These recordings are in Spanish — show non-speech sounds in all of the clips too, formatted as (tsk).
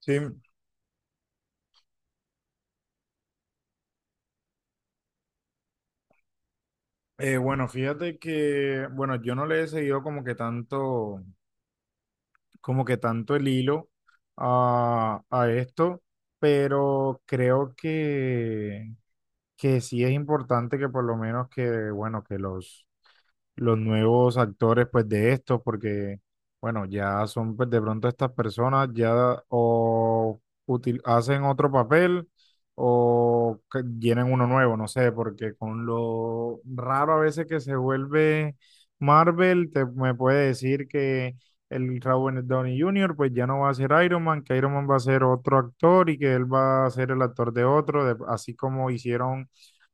Sí, bueno, fíjate que, bueno, yo no le he seguido como que tanto el hilo a esto, pero creo que sí es importante que por lo menos que, bueno, que los nuevos actores pues de esto, porque bueno, ya son pues de pronto estas personas ya o hacen otro papel o llenan uno nuevo, no sé, porque con lo raro a veces que se vuelve Marvel, te me puede decir que el Robert Downey Jr. pues ya no va a ser Iron Man, que Iron Man va a ser otro actor y que él va a ser el actor de otro, así como hicieron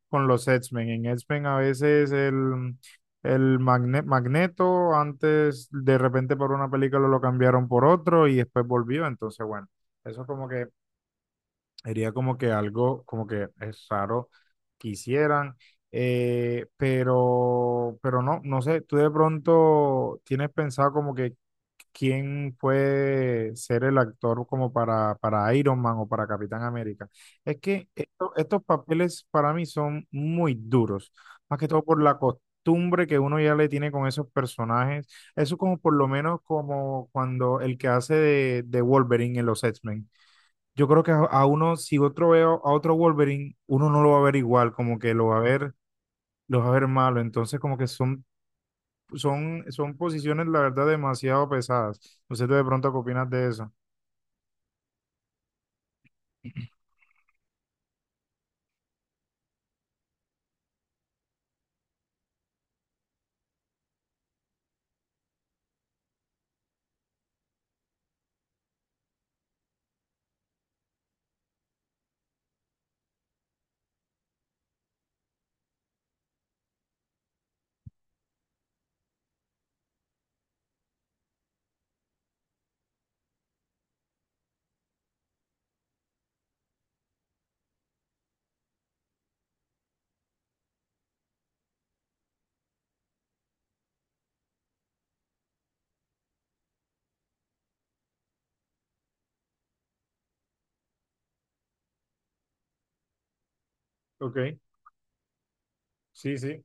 con los X-Men. En X-Men a veces el Magneto antes de repente por una película lo cambiaron por otro y después volvió. Entonces, bueno, eso como que sería como que algo como que es raro que hicieran. Pero no, no sé, tú de pronto tienes pensado como que quién puede ser el actor como para Iron Man o para Capitán América. Es que estos papeles para mí son muy duros, más que todo por la costumbre que uno ya le tiene con esos personajes. Eso como por lo menos como cuando el que hace de Wolverine en los X-Men. Yo creo que a uno, si otro veo a otro Wolverine, uno no lo va a ver igual, como que lo va a ver, lo va a ver malo. Entonces como que son son posiciones, la verdad, demasiado pesadas. No sé tú de pronto qué opinas de eso. Ok, sí, sí.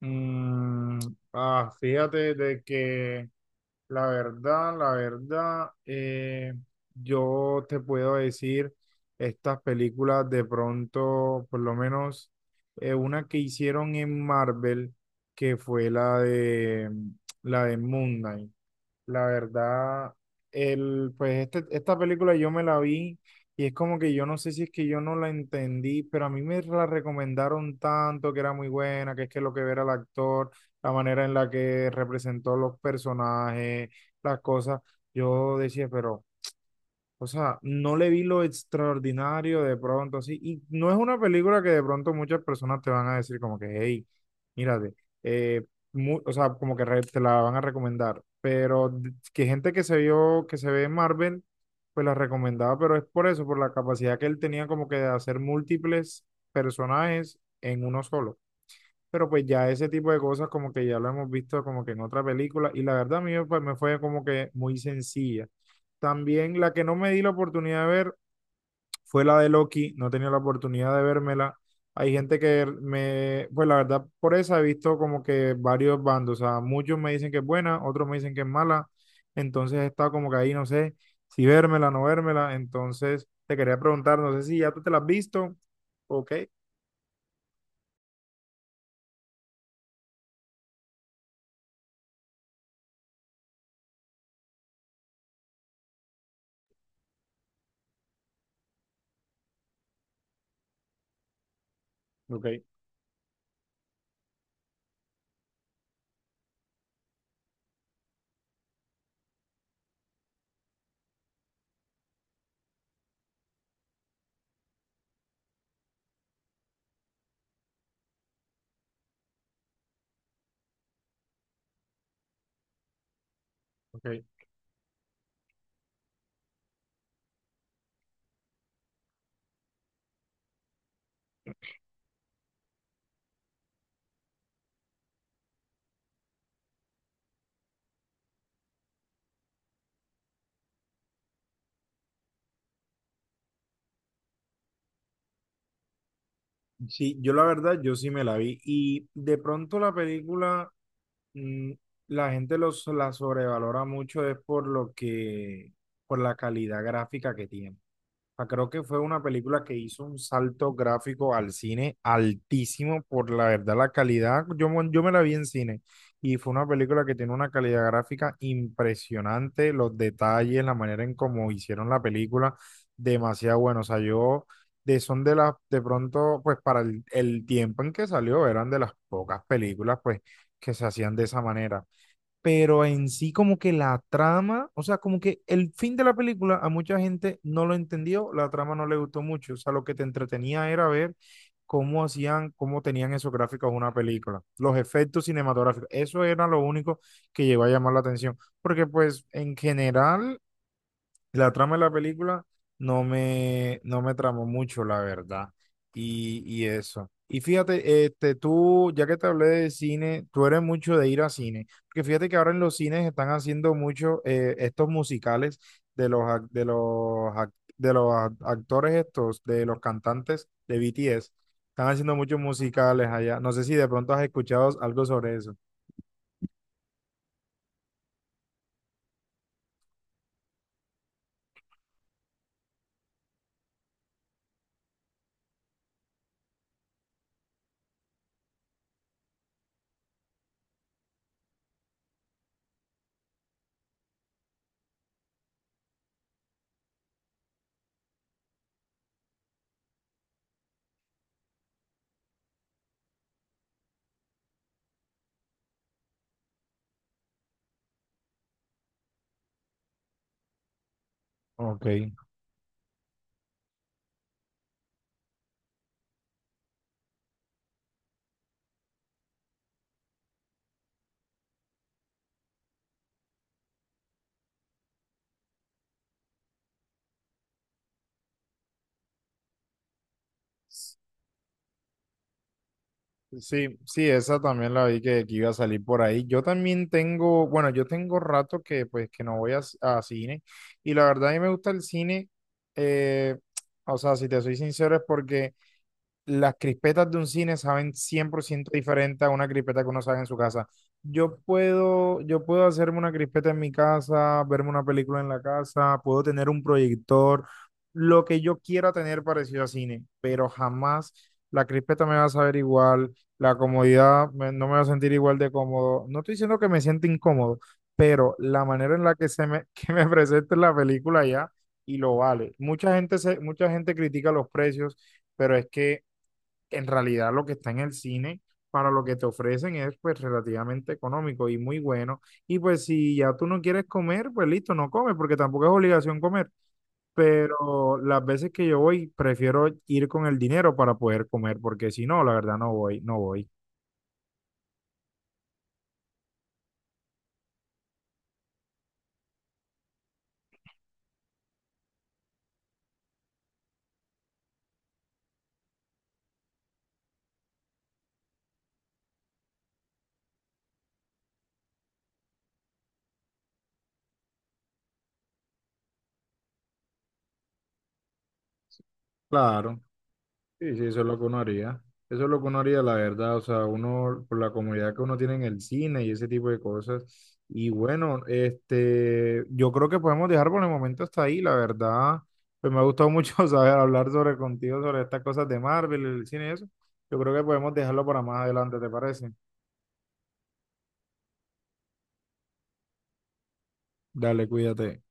Mm, ah, fíjate de que la verdad, yo te puedo decir estas películas de pronto, por lo menos una que hicieron en Marvel, que fue la de Moon Knight. La verdad, el, pues esta película yo me la vi y es como que yo no sé si es que yo no la entendí, pero a mí me la recomendaron tanto que era muy buena, que es que lo que ver al actor, la manera en la que representó los personajes, las cosas, yo decía, pero... O sea, no le vi lo extraordinario de pronto así. Y no es una película que de pronto muchas personas te van a decir como que, hey, mírate. eh, o sea, como que te la van a recomendar. Pero que gente que se vio, que se ve en Marvel, pues la recomendaba, pero es por eso, por la capacidad que él tenía como que de hacer múltiples personajes en uno solo. Pero pues ya ese tipo de cosas como que ya lo hemos visto como que en otra película y la verdad a mí pues, me fue como que muy sencilla. También la que no me di la oportunidad de ver fue la de Loki, no tenía la oportunidad de vérmela. Hay gente que me, pues la verdad por esa he visto como que varios bandos, o sea, muchos me dicen que es buena, otros me dicen que es mala, entonces he estado como que ahí no sé si vérmela, no vérmela, entonces te quería preguntar, no sé si ya tú te la has visto, ok, ok, ok. Sí, yo la verdad, yo sí me la vi. Y de pronto la película, mm, la gente los, la sobrevalora mucho es por lo que, por la calidad gráfica que tiene sea, creo que fue una película que hizo un salto gráfico al cine altísimo por la verdad, la calidad. Yo, yo me la vi en cine y fue una película que tiene una calidad gráfica impresionante, los detalles, la manera en cómo hicieron la película, demasiado bueno. O sea, yo de son de las, de pronto, pues para el tiempo en que salió, eran de las pocas películas, pues, que se hacían de esa manera pero en sí como que la trama, o sea, como que el fin de la película a mucha gente no lo entendió, la trama no le gustó mucho, o sea, lo que te entretenía era ver cómo hacían, cómo tenían esos gráficos una película, los efectos cinematográficos, eso era lo único que llegó a llamar la atención, porque pues en general la trama de la película no me tramó mucho, la verdad. Y eso. Y fíjate, este, tú, ya que te hablé de cine, tú eres mucho de ir a cine. Porque fíjate que ahora en los cines están haciendo mucho estos musicales de los, ac- de los, ac- de los actores estos, de los cantantes de BTS. Están haciendo muchos musicales allá. No sé si de pronto has escuchado algo sobre eso. Ok. Sí, sí, esa también la vi que iba a salir por ahí. Yo también tengo, bueno, yo tengo rato que pues que no voy a, a cine y la verdad a mí me gusta el cine, eh, (tsk) o sea, si te soy sincero es porque las crispetas de un cine saben 100% diferente a una crispeta que uno sabe en su casa. Yo puedo hacerme una crispeta en mi casa, verme una película en la casa, puedo tener un proyector, lo que yo quiera tener parecido a cine, pero jamás la crispeta me va a saber igual, la comodidad no me va a sentir igual de cómodo. No estoy diciendo que me sienta incómodo, pero la manera en la que se me, (laughs) que me presente la película ya y lo vale. Mucha gente critica los precios pero es que en realidad lo que está en el cine para lo que te ofrecen es pues relativamente económico y muy bueno. Y pues si ya tú no quieres comer, pues listo, no comes, porque tampoco es obligación comer. Pero las veces que yo voy, prefiero ir con el dinero para poder comer, porque si no, la verdad no voy. Claro. Sí, sí, eso es lo que uno haría. Eso es lo que uno haría, la verdad. O sea, uno, por la comodidad que uno tiene en el cine y ese tipo de cosas. Y bueno, este, yo creo que podemos dejar por el momento hasta ahí, la verdad. Pues me ha gustado mucho (laughs) saber hablar sobre contigo, sobre estas cosas de Marvel, el cine y eso. Yo creo que podemos dejarlo para más adelante, ¿te parece? Dale, cuídate.